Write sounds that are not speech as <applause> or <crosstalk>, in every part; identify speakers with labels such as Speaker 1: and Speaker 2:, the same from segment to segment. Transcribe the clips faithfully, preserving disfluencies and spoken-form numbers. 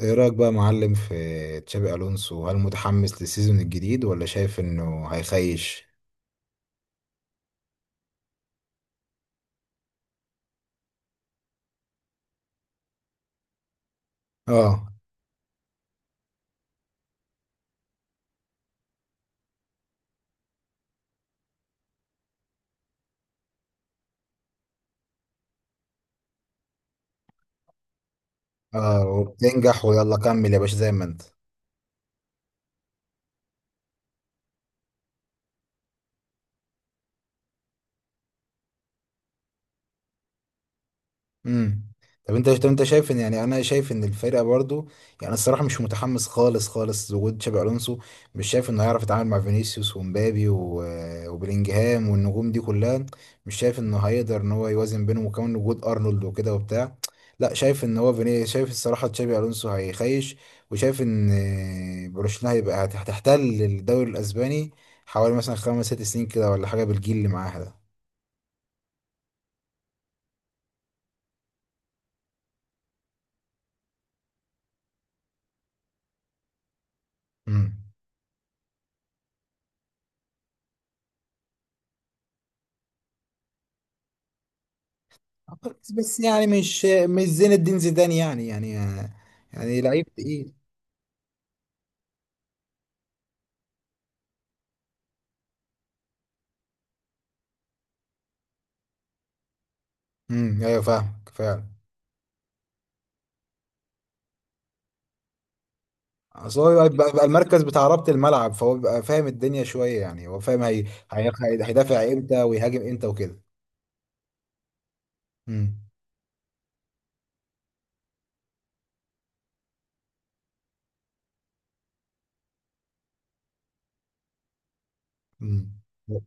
Speaker 1: ايه رأيك بقى يا معلم في تشابي الونسو؟ هل متحمس للسيزون الجديد ولا شايف انه هيخيش؟ اه. اه، وبتنجح ويلا كمل يا باشا زي ما انت. امم. طب انت طب انت شايف ان يعني انا شايف ان الفرقه برضو، يعني الصراحه مش متحمس خالص خالص وجود تشابي الونسو. مش شايف انه هيعرف يتعامل مع فينيسيوس ومبابي و- وبلينجهام والنجوم دي كلها، مش شايف انه هيقدر ان هو يوازن بينهم وكمان وجود ارنولد وكده وبتاع. لا، شايف ان هو فيني، شايف الصراحه تشابي الونسو هيخيش. وشايف ان برشلونه هيبقى هت- هتحتل الدوري الاسباني حوالي مثلا خمس ست سنين كده ولا حاجه بالجيل اللي معاها ده. امم. بس يعني مش مش زين الدين زيدان، يعني يعني يعني لعيب تقيل. امم، ايوه، فاهمك فعلا. اصل هو يبقى بيبقى المركز بتاع ربط الملعب، فهو بيبقى فاهم الدنيا شويه، يعني هو فاهم. هي هي- هيدافع امتى ويهاجم امتى وكده. امم. امم.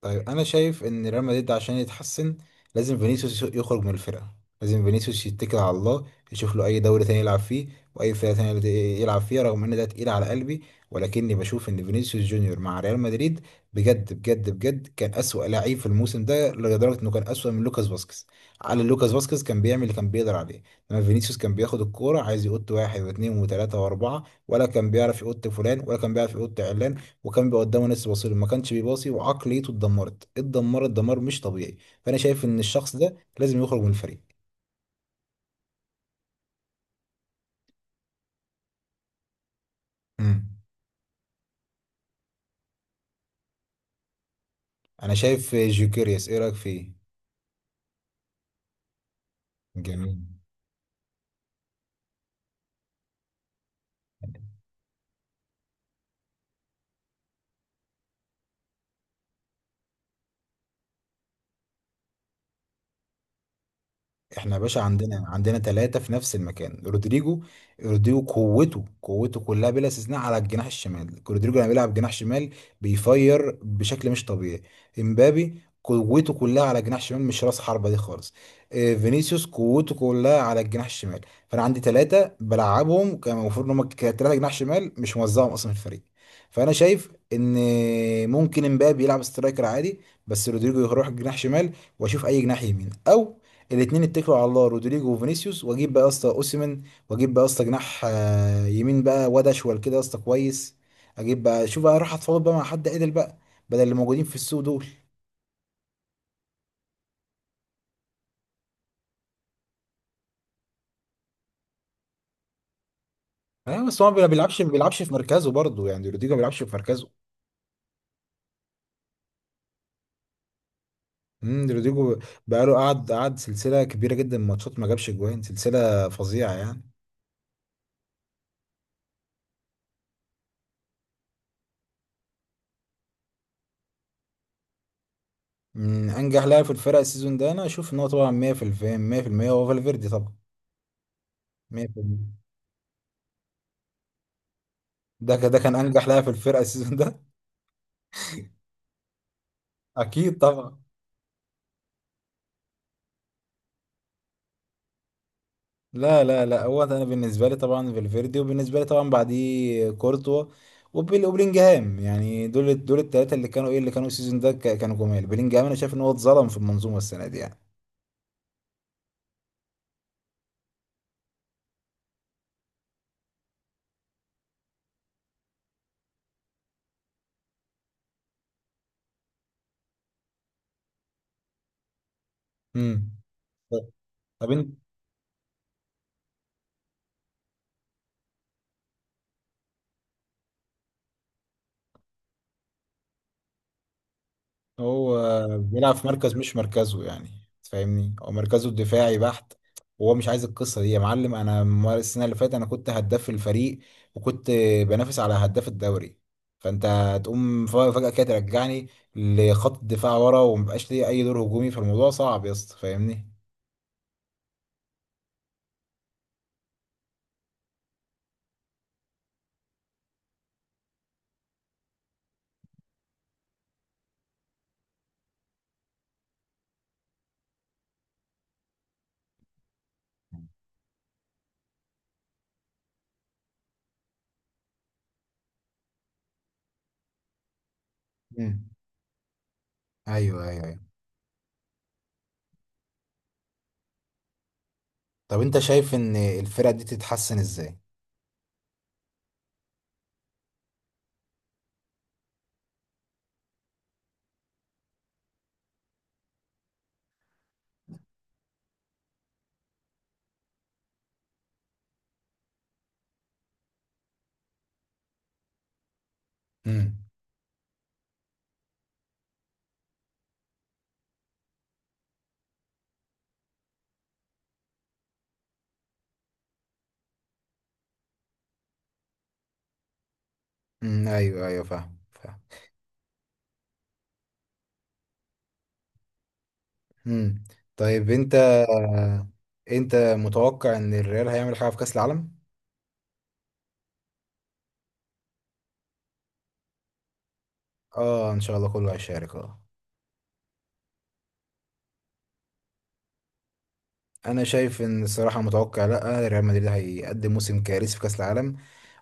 Speaker 1: طيب، انا شايف ان ريال مدريد عشان يتحسن لازم فينيسيوس يخرج من الفرقه. لازم فينيسيوس يتكل على الله، يشوف له اي دوري تاني يلعب فيه، واي فرقه تانيه يلت- يلعب فيها، رغم ان ده تقيل على قلبي. ولكني بشوف ان فينيسيوس جونيور مع ريال مدريد بجد بجد بجد كان اسوأ لعيب في الموسم ده، لدرجه انه كان اسوأ من لوكاس فاسكيز. على لوكاس فاسكيز كان بيعمل اللي كان بيقدر عليه، انما فينيسيوس كان بياخد الكوره عايز يقط واحد واثنين وثلاثه واربعه، ولا كان بيعرف يقط فلان، ولا كان بيعرف يقط علان، وكان بيبقى قدامه ناس بيباصيله ما كانش بيباصي، وعقليته اتدمرت اتدمرت دمار مش طبيعي. فانا شايف ان الشخص ده لازم يخرج من الفريق. امم. انا شايف جوكيريس، ايه رايك فيه؟ جميل. احنا يا باشا عندنا عندنا ثلاثة في نفس المكان. رودريجو، رودريجو قوته قوته كلها بلا استثناء على الجناح الشمال. رودريجو لما بيلعب جناح شمال بيفير بشكل مش طبيعي. امبابي قوته كلها على جناح شمال، مش راس حربة دي خالص. آه، فينيسيوس قوته كلها على الجناح الشمال. فانا عندي ثلاثة بلعبهم، كان المفروض ان هم ثلاثة جناح شمال، مش موزعهم اصلا في الفريق. فانا شايف ان ممكن امبابي يلعب سترايكر عادي، بس رودريجو يروح جناح شمال، واشوف اي جناح يمين، او الاثنين اتكلوا على الله رودريجو وفينيسيوس، واجيب بقى يا اسطى اوسيمين، واجيب بقى يا اسطى جناح آه، يمين بقى، واد اشول كده يا اسطى كويس، اجيب بقى شوف بقى، راح اتفاوض بقى مع حد عدل بقى، بدل اللي موجودين في السوق دول. اه بس هو ما بيلعبش ما بيلعبش في مركزه برضه، يعني رودريجو ما بيلعبش في مركزه. امم. رودريجو بقى له قعد قعد سلسله كبيره جدا من ماتشات ما جابش جوان، سلسله فظيعه يعني. من انجح لاعب في الفرق السيزون ده، انا اشوف ان هو طبعا ميه في الميه ميه في الميه هو فالفيردي طبعا. ميه في الميه. ده ك- ده كان انجح لاعب في الفرقه السيزون ده. <laughs> اكيد طبعا. لا لا لا، هو انا بالنسبه لي طبعا فالفيردي، وبالنسبه لي طبعا بعديه كورتوا وبيل- وبلينجهام. يعني دول دول الثلاثه اللي كانوا ايه، اللي كانوا السيزون ده ك- كانوا جمال. بلينجهام انا شايف ان هو اتظلم في المنظومه السنه دي يعني. امم. طب انت، هو بيلعب في مركز مش مركزه يعني، تفهمني هو مركزه الدفاعي بحت، وهو مش عايز القصة دي يا معلم. انا مر- السنة اللي فاتت انا كنت هداف الفريق، وكنت بنافس على هداف الدوري. فانت تقوم ف- فجأة كده ترجعني لخط الدفاع ورا، ومبقاش ليه اي دور هجومي. فالموضوع صعب يا اسطى، فاهمني. مم. ايوه ايوه ايوه. طب انت شايف ان الفرقة دي تتحسن ازاي؟ امم. مم. ايوه ايوه فاهم فاهم. امم. طيب انت انت متوقع ان الريال هيعمل حاجه في كاس العالم؟ اه، ان شاء الله كله هيشارك، اه. انا شايف ان الصراحه متوقع، لا، ريال مدريد هيقدم موسم كارثي في كاس العالم،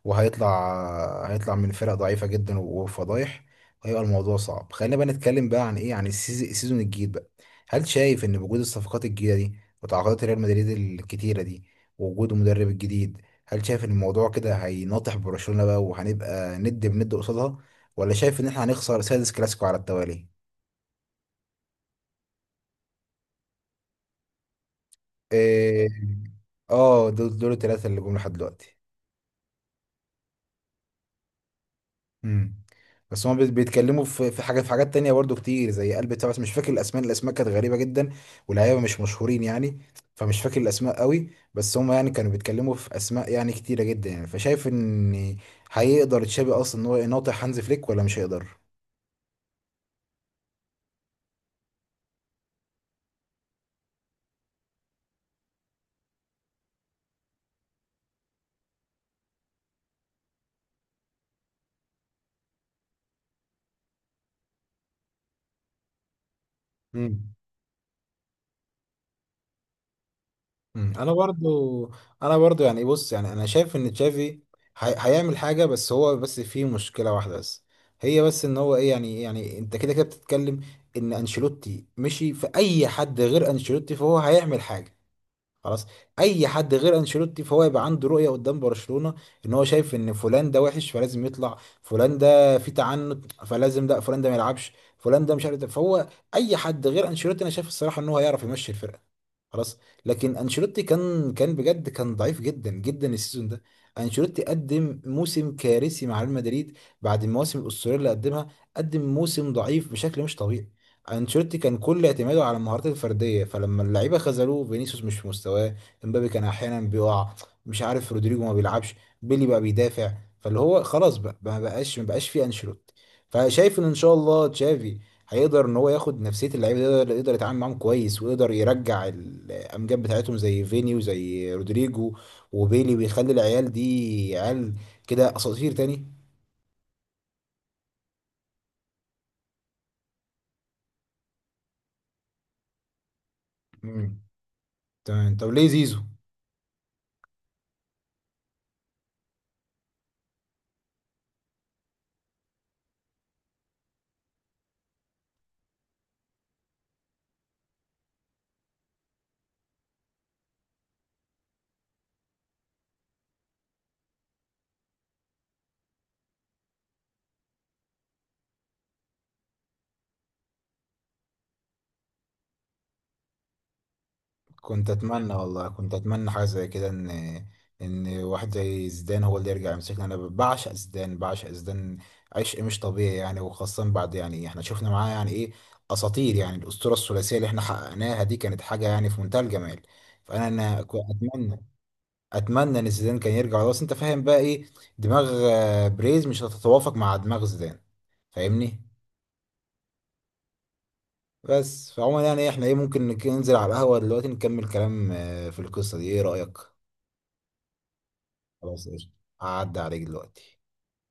Speaker 1: وهيطلع هيطلع من فرق ضعيفه جدا وفضايح، وهيبقى الموضوع صعب. خلينا بقى نتكلم بقى عن ايه، عن السيز- السيزون الجديد بقى. هل شايف ان وجود الصفقات الجديده دي، وتعاقدات ريال مدريد الكتيره دي، ووجود المدرب الجديد، هل شايف ان الموضوع كده هيناطح برشلونه بقى وهنبقى ند بند قصادها، ولا شايف ان احنا هنخسر سادس كلاسيكو على التوالي؟ إيه. اه، دول دول الثلاثه اللي جم لحد دلوقتي. امم. بس هما بي- بيتكلموا في في حاجات في حاجات تانية برضو كتير زي قلب بتاع، بس مش فاكر الاسماء. الاسماء كانت غريبة جدا واللعيبة مش مشهورين يعني. فمش فاكر الاسماء قوي، بس هما يعني كانوا بيتكلموا في اسماء يعني كتيرة جدا يعني. فشايف ان هيقدر تشابي اصلا ان هو يناطح هانز فليك ولا مش هيقدر؟ مم. انا برضو انا برضو يعني بص، يعني انا شايف ان تشافي هي... هيعمل حاجه. بس هو بس فيه مشكله واحده بس، هي بس ان هو ايه يعني، يعني انت كده كده بتتكلم ان انشيلوتي مشي. في اي حد غير انشيلوتي فهو هيعمل حاجه. خلاص. اي حد غير انشيلوتي فهو يبقى عنده رؤيه قدام برشلونه. ان هو شايف ان فلان ده وحش فلازم يطلع، فلان ده في تعنت فلازم لا، فلان ده ما يلعبش، فلان ده مش عارف ده. فهو اي حد غير انشيلوتي انا شايف الصراحه ان هو هيعرف يمشي الفرقه. خلاص. لكن انشيلوتي كان كان بجد كان ضعيف جدا جدا السيزون ده. انشيلوتي قدم موسم كارثي مع ريال مدريد بعد المواسم الاسطوريه اللي قدمها. قدم موسم ضعيف بشكل مش طبيعي. انشيلوتي كان كل اعتماده على المهارات الفرديه، فلما اللعيبه خذلوه، فينيسيوس مش في مستواه، امبابي كان احيانا بيقع، مش عارف، رودريجو ما بيلعبش، بيلي بقى بيدافع، فاللي هو خلاص بقى، ما بقاش ما بقاش في انشيلوتي. فشايف ان ان شاء الله تشافي هيقدر ان هو ياخد نفسيه اللعيبه دي، يقدر يقدر يتعامل معاهم كويس، ويقدر يرجع الامجاد بتاعتهم زي فيني وزي رودريجو وبيلي، ويخلي العيال دي عيال كده اساطير تاني. مم. تمام. طب ليه زيزو؟ كنت اتمنى والله كنت اتمنى حاجه زي كده، ان ان واحد زي زيدان هو اللي يرجع يمسكنا. انا بعشق زيدان، بعشق زيدان عشق مش طبيعي يعني. وخاصه بعد، يعني احنا شفنا معاه يعني ايه، اساطير. يعني الاسطوره الثلاثيه اللي احنا حققناها دي كانت حاجه يعني في منتهى الجمال. فانا انا ك- اتمنى اتمنى ان زيدان كان يرجع. بس انت فاهم بقى ايه، دماغ آه، بريز مش هتتوافق مع دماغ زيدان، فاهمني. بس فعموما يعني احنا ايه، ممكن نك- ننزل على القهوه دلوقتي، نكمل كلام آه، في القصه دي، ايه رايك؟ خلاص قشطة. هعدي عليك دلوقتي.